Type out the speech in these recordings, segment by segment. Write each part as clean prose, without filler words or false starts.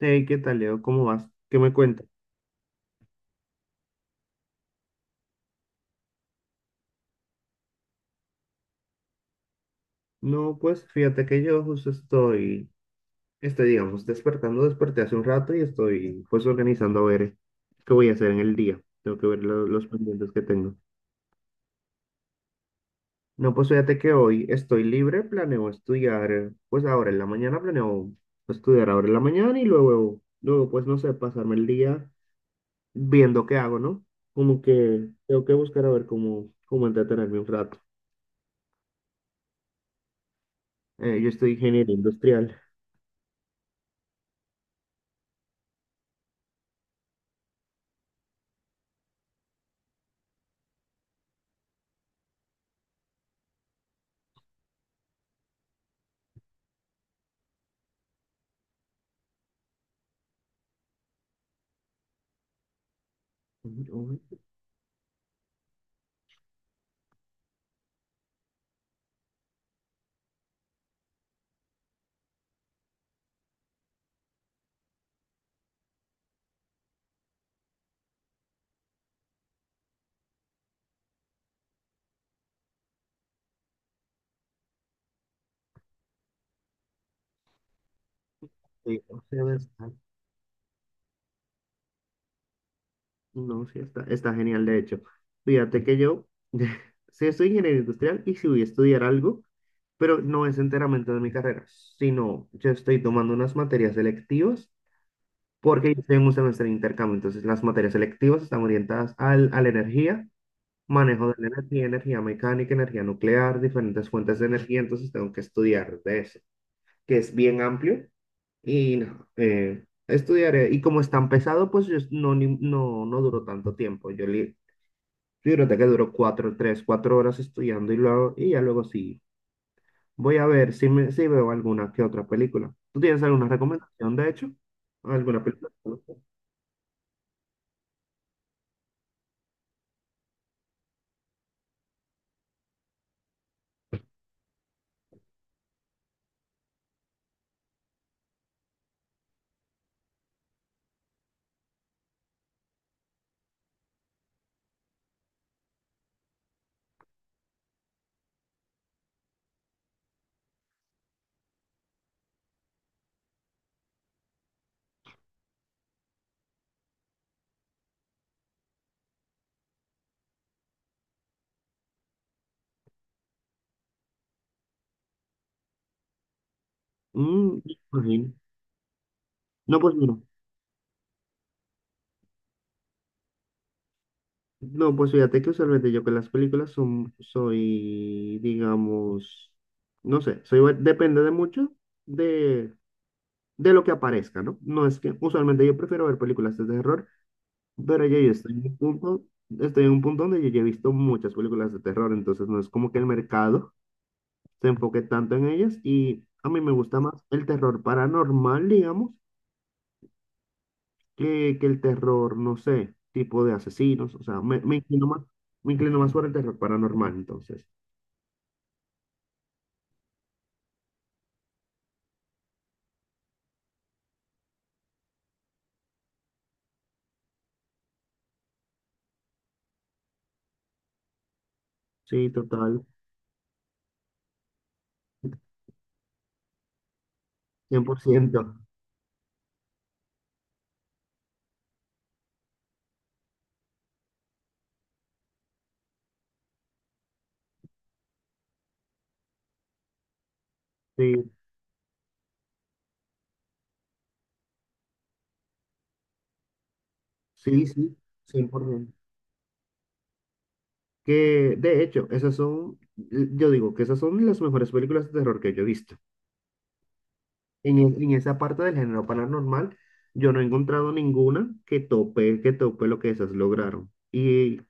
Hey, ¿qué tal, Leo? ¿Cómo vas? ¿Qué me cuentas? No, pues fíjate que yo justo estoy, este, digamos, despertando, desperté hace un rato y estoy pues organizando a ver qué voy a hacer en el día. Tengo que ver los pendientes que tengo. No, pues fíjate que hoy estoy libre, planeo estudiar, pues ahora en la mañana planeo estudiar ahora en la mañana y luego, luego pues no sé, pasarme el día viendo qué hago, ¿no? Como que tengo que buscar a ver cómo, cómo entretenerme un rato. Yo estoy ingeniero industrial. Ujú. Sí, o sea, no, sí, está, está genial, de hecho. Fíjate que yo, sí, soy ingeniero industrial y sí voy a estudiar algo, pero no es enteramente de mi carrera, sino yo estoy tomando unas materias selectivas porque yo estoy en un semestre de intercambio, entonces las materias selectivas están orientadas al, a la energía, manejo de la energía, energía mecánica, energía nuclear, diferentes fuentes de energía, entonces tengo que estudiar de eso. Que es bien amplio. Y no, estudiaré. Y como es tan pesado, pues yo no, no, no duró tanto tiempo. Fíjate que duró cuatro, tres, cuatro horas estudiando y, luego, y ya luego sí. Voy a ver si, me, si veo alguna que otra película. ¿Tú tienes alguna recomendación, de hecho? ¿Alguna película? Mm, imagino. No, pues mira. No, pues fíjate que usualmente yo con las películas son, soy, digamos, no sé, soy, depende de mucho de lo que aparezca, ¿no? No es que usualmente yo prefiero ver películas de terror, pero ya yo estoy en un punto, estoy en un punto donde yo ya he visto muchas películas de terror, entonces no es como que el mercado se enfoque tanto en ellas y a mí me gusta más el terror paranormal, digamos, que el terror, no sé, tipo de asesinos, o sea, me, me inclino más por el terror paranormal, entonces, sí, total, 100%. Sí, sí, sí, 100%. Que de hecho, esas son, yo digo que esas son las mejores películas de terror que yo he visto. En, en esa parte del género paranormal, yo no he encontrado ninguna que tope lo que esas lograron.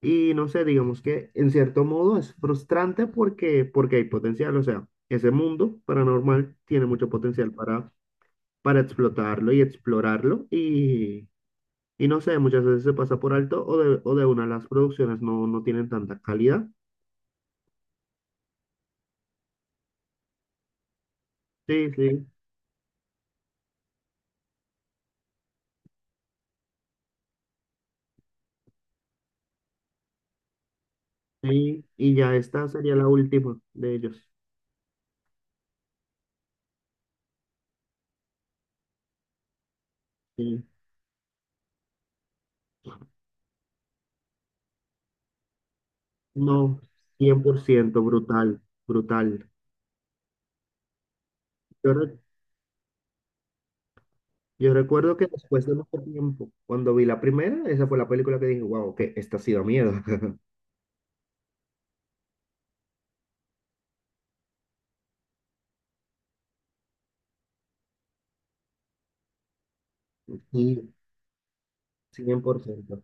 Y no sé, digamos que en cierto modo es frustrante porque, porque hay potencial. O sea, ese mundo paranormal tiene mucho potencial para explotarlo y explorarlo. Y no sé, muchas veces se pasa por alto o de una las producciones no, no tienen tanta calidad. Sí, sí. Sí, y ya esta sería la última de ellos. Sí. No, 100% brutal, brutal. Yo, yo recuerdo que después de mucho tiempo, cuando vi la primera, esa fue la película que dije, wow, que esta ha sido miedo. Sí, cien por ciento.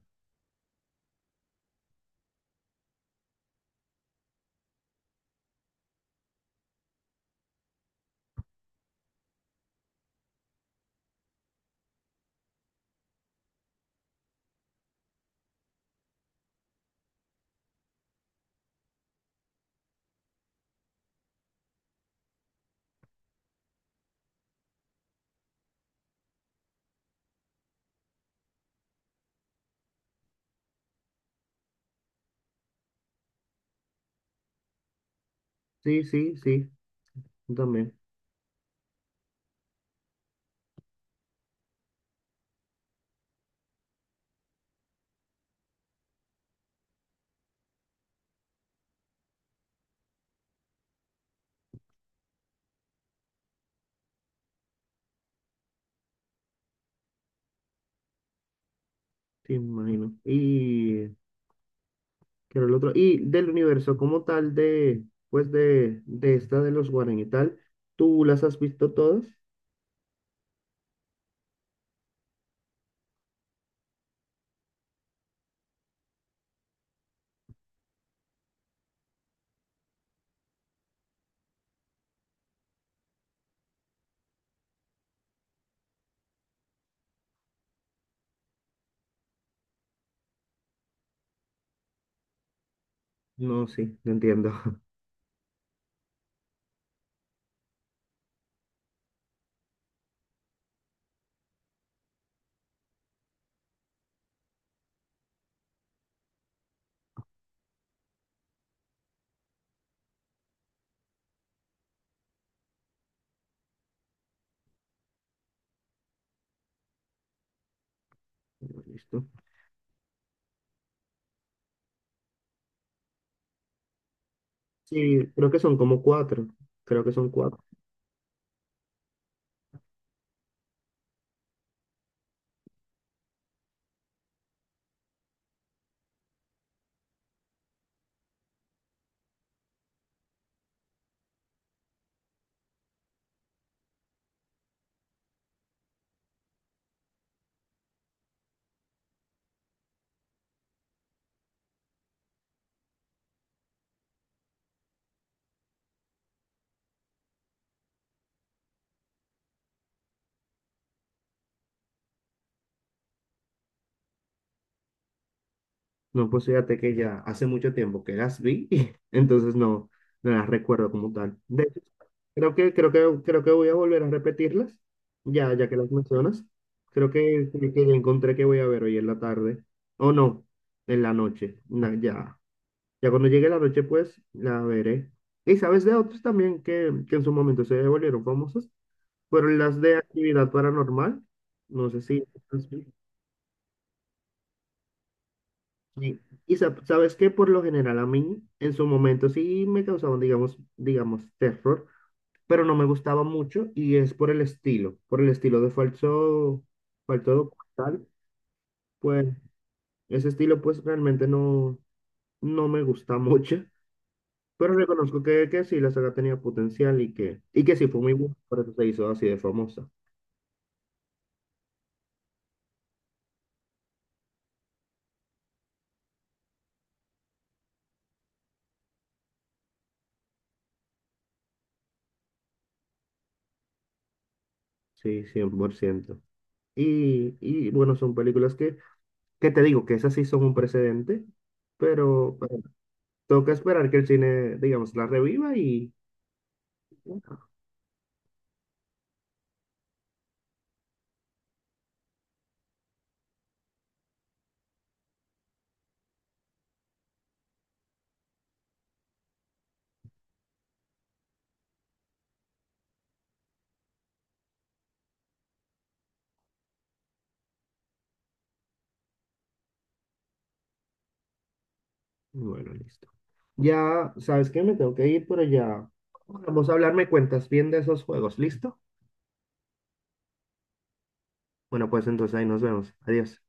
Sí, sí, sí, yo también, sí, me imagino. Y, ¿qué era el otro? Y del universo como tal de, pues de esta de los Warren y tal, ¿tú las has visto todas? No, sí, no entiendo. Listo. Sí, creo que son como cuatro. Creo que son cuatro. No, pues fíjate que ya hace mucho tiempo que las vi, entonces no, no las recuerdo como tal. De hecho, creo que, creo que, creo que voy a volver a repetirlas, ya, ya que las mencionas. Creo que ya encontré que voy a ver hoy en la tarde. O no, en la noche. Ya, ya cuando llegue la noche, pues la veré. Y sabes de otros también que en su momento se volvieron famosos, fueron las de actividad paranormal. No sé si. Sí. Y sabes que por lo general a mí en su momento sí me causaban, digamos, digamos, terror, pero no me gustaba mucho y es por el estilo de falso, falso documental, pues ese estilo pues realmente no, no me gusta mucho, pero reconozco que sí, la saga tenía potencial y que sí fue muy buena, por eso se hizo así de famosa, sí, 100%. Y bueno, son películas que te digo que esas sí son un precedente, pero, tengo que esperar que el cine, digamos, la reviva y bueno, listo. Ya, ¿sabes qué? Me tengo que ir, pero ya vamos a hablar, me cuentas bien de esos juegos, ¿listo? Bueno, pues entonces ahí nos vemos. Adiós.